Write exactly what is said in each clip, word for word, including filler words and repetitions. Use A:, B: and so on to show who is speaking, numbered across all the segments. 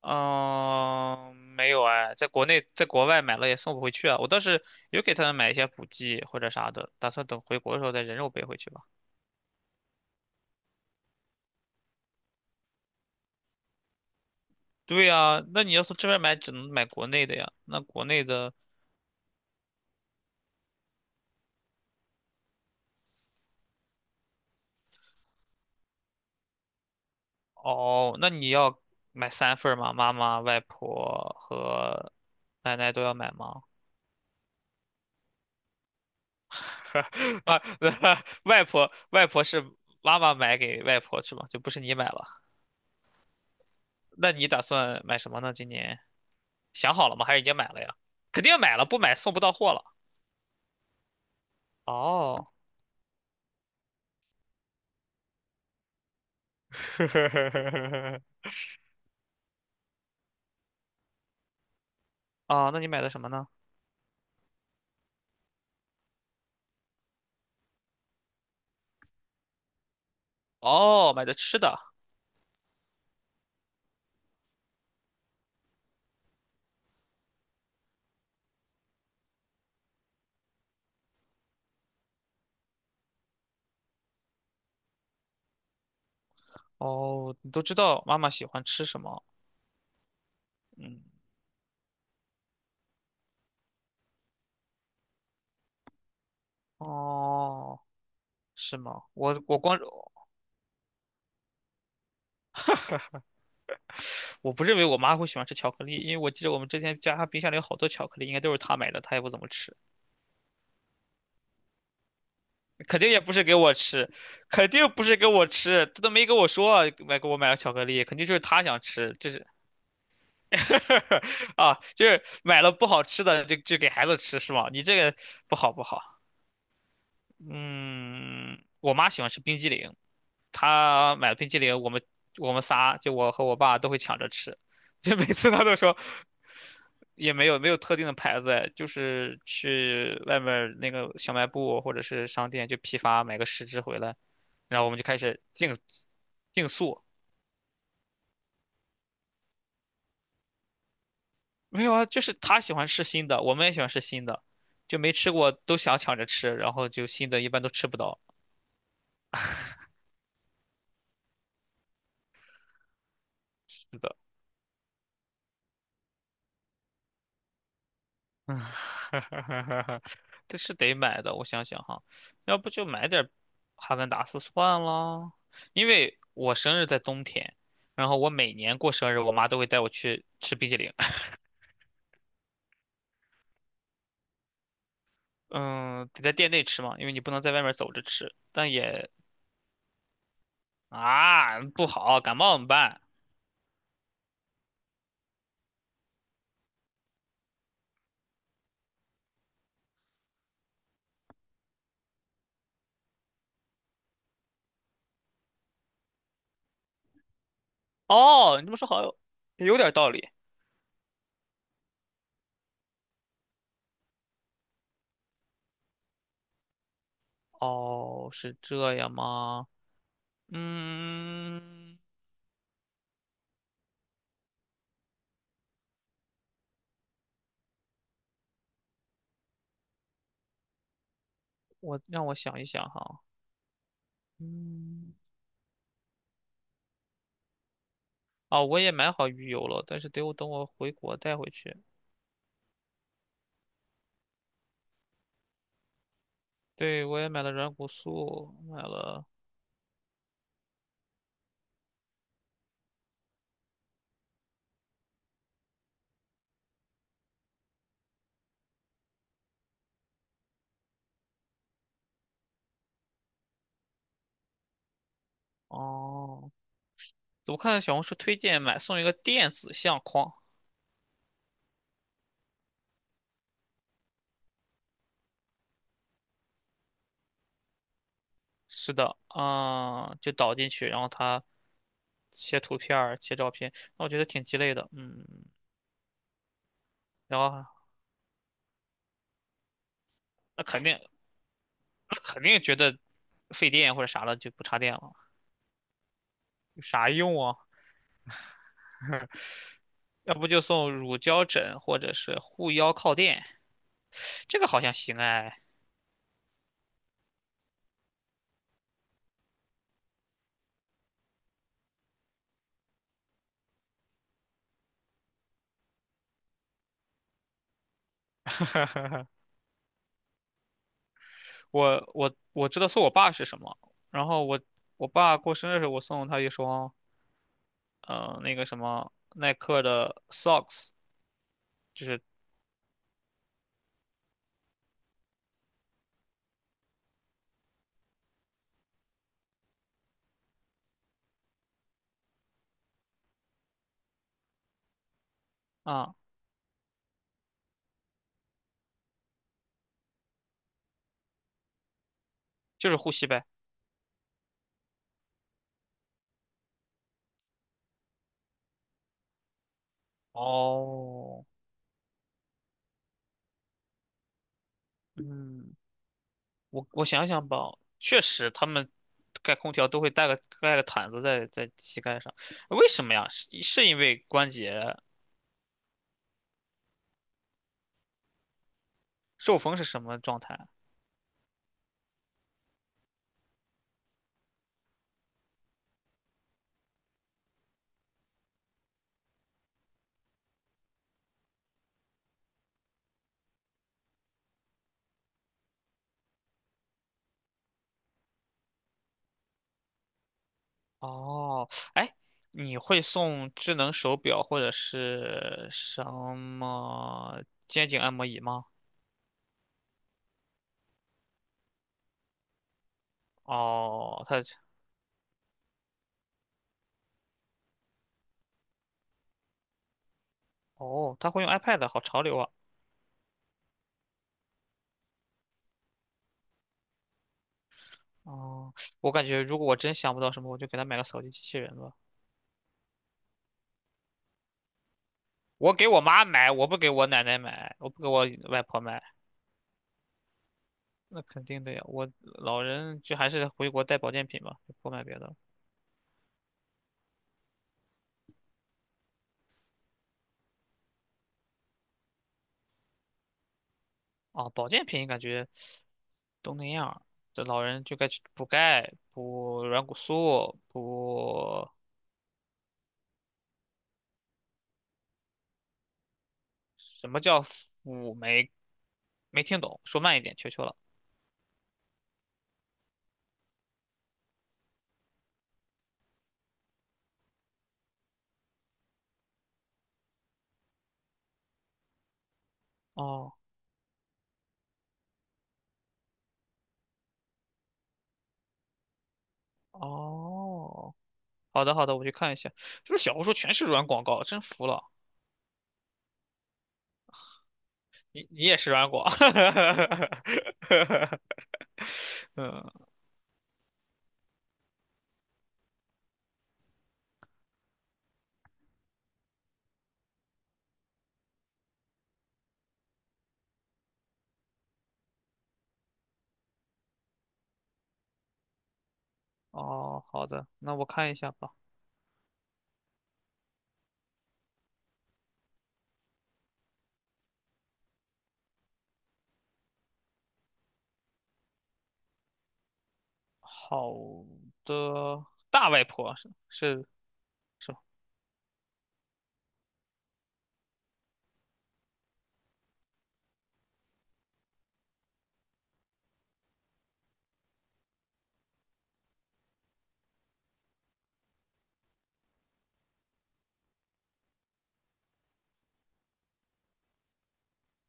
A: 嗯，没有哎，在国内在国外买了也送不回去啊。我倒是有给他们买一些补剂或者啥的，打算等回国的时候再人肉背回去吧。对呀，那你要从这边买，只能买国内的呀。那国内的哦，那你要买三份儿吗？妈妈、外婆和奶奶都要买吗？啊，外婆外婆是妈妈买给外婆是吧？就不是你买了？那你打算买什么呢？今年？想好了吗？还是已经买了呀？肯定买了，不买送不到货了。哦，啊，那你买的什么呢？哦，买的吃的。哦，你都知道妈妈喜欢吃什么。嗯，哦，是吗？我我光 我不认为我妈会喜欢吃巧克力，因为我记得我们之前家冰箱里有好多巧克力，应该都是她买的，她也不怎么吃，肯定也不是给我吃，肯定不是给我吃，她都没跟我说买给我买了巧克力，肯定就是她想吃，就是 啊，就是买了不好吃的就就给孩子吃是吗？你这个不好不好。嗯，我妈喜欢吃冰激凌，她买了冰激凌，我们我们仨就我和我爸都会抢着吃，就每次她都说也没有没有特定的牌子哎就是去外面儿那个小卖部或者是商店就批发买个十只回来，然后我们就开始竞竞速，没有啊，就是他喜欢吃新的，我们也喜欢吃新的，就没吃过都想抢着吃，然后就新的一般都吃不到。是的，嗯，这是得买的，我想想哈，要不就买点哈根达斯算了，因为我生日在冬天，然后我每年过生日，我妈都会带我去吃冰淇淋。嗯，得在店内吃嘛，因为你不能在外面走着吃，但也啊不好，感冒怎么办？哦，你这么说好像有点道理。哦，是这样吗？嗯，我让我想一想哈。嗯，哦，我也买好鱼油了，但是得我等我回国带回去。对，我也买了软骨素，买了。哦，我看小红书推荐买送一个电子相框。是的，嗯，就导进去，然后它切图片儿、切照片，那我觉得挺鸡肋的。嗯，然后那肯定，那肯定觉得费电或者啥了，就不插电了，有啥用啊？要不就送乳胶枕或者是护腰靠垫，这个好像行哎。我我我知道送我爸是什么，然后我我爸过生日的时候，我送他一双，呃，那个什么耐克的 socks，就是啊、就是护膝呗。哦，嗯，我我想想吧，确实他们盖空调都会带个盖个毯子在在膝盖上，为什么呀？是是因为关节受风是什么状态？哦，哎，你会送智能手表或者是什么肩颈按摩椅吗？哦，他哦，他会用 iPad，好潮流啊！哦，我感觉如果我真想不到什么，我就给他买个扫地机器人吧。我给我妈买，我不给我奶奶买，我不给我外婆买，那肯定的呀。我老人就还是回国带保健品吧，就不买别的了。哦，保健品感觉都那样儿这老人就该去补钙、补软骨素、补什么叫辅酶？没听懂，说慢一点，求求了。哦哦，好的好的，我去看一下。是不是小红书全是软广告？真服了，你你也是软广。嗯，哦，好的，那我看一下吧。好的，大外婆是是是。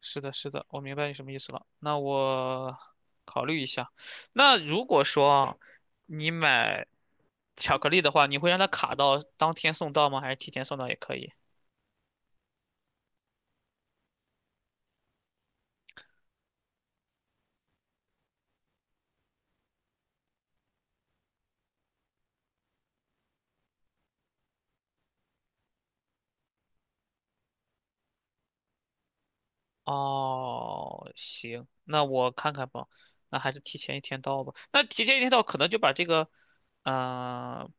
A: 是的，是的，我明白你什么意思了。那我考虑一下。那如果说啊你买巧克力的话，你会让它卡到当天送到吗？还是提前送到也可以？哦，行，那我看看吧。那还是提前一天到吧。那提前一天到，可能就把这个，嗯、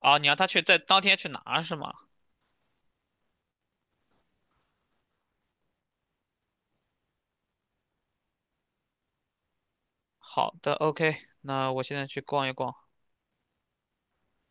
A: 啊，你让他去在当天去拿是吗？好的，OK，那我现在去逛一逛。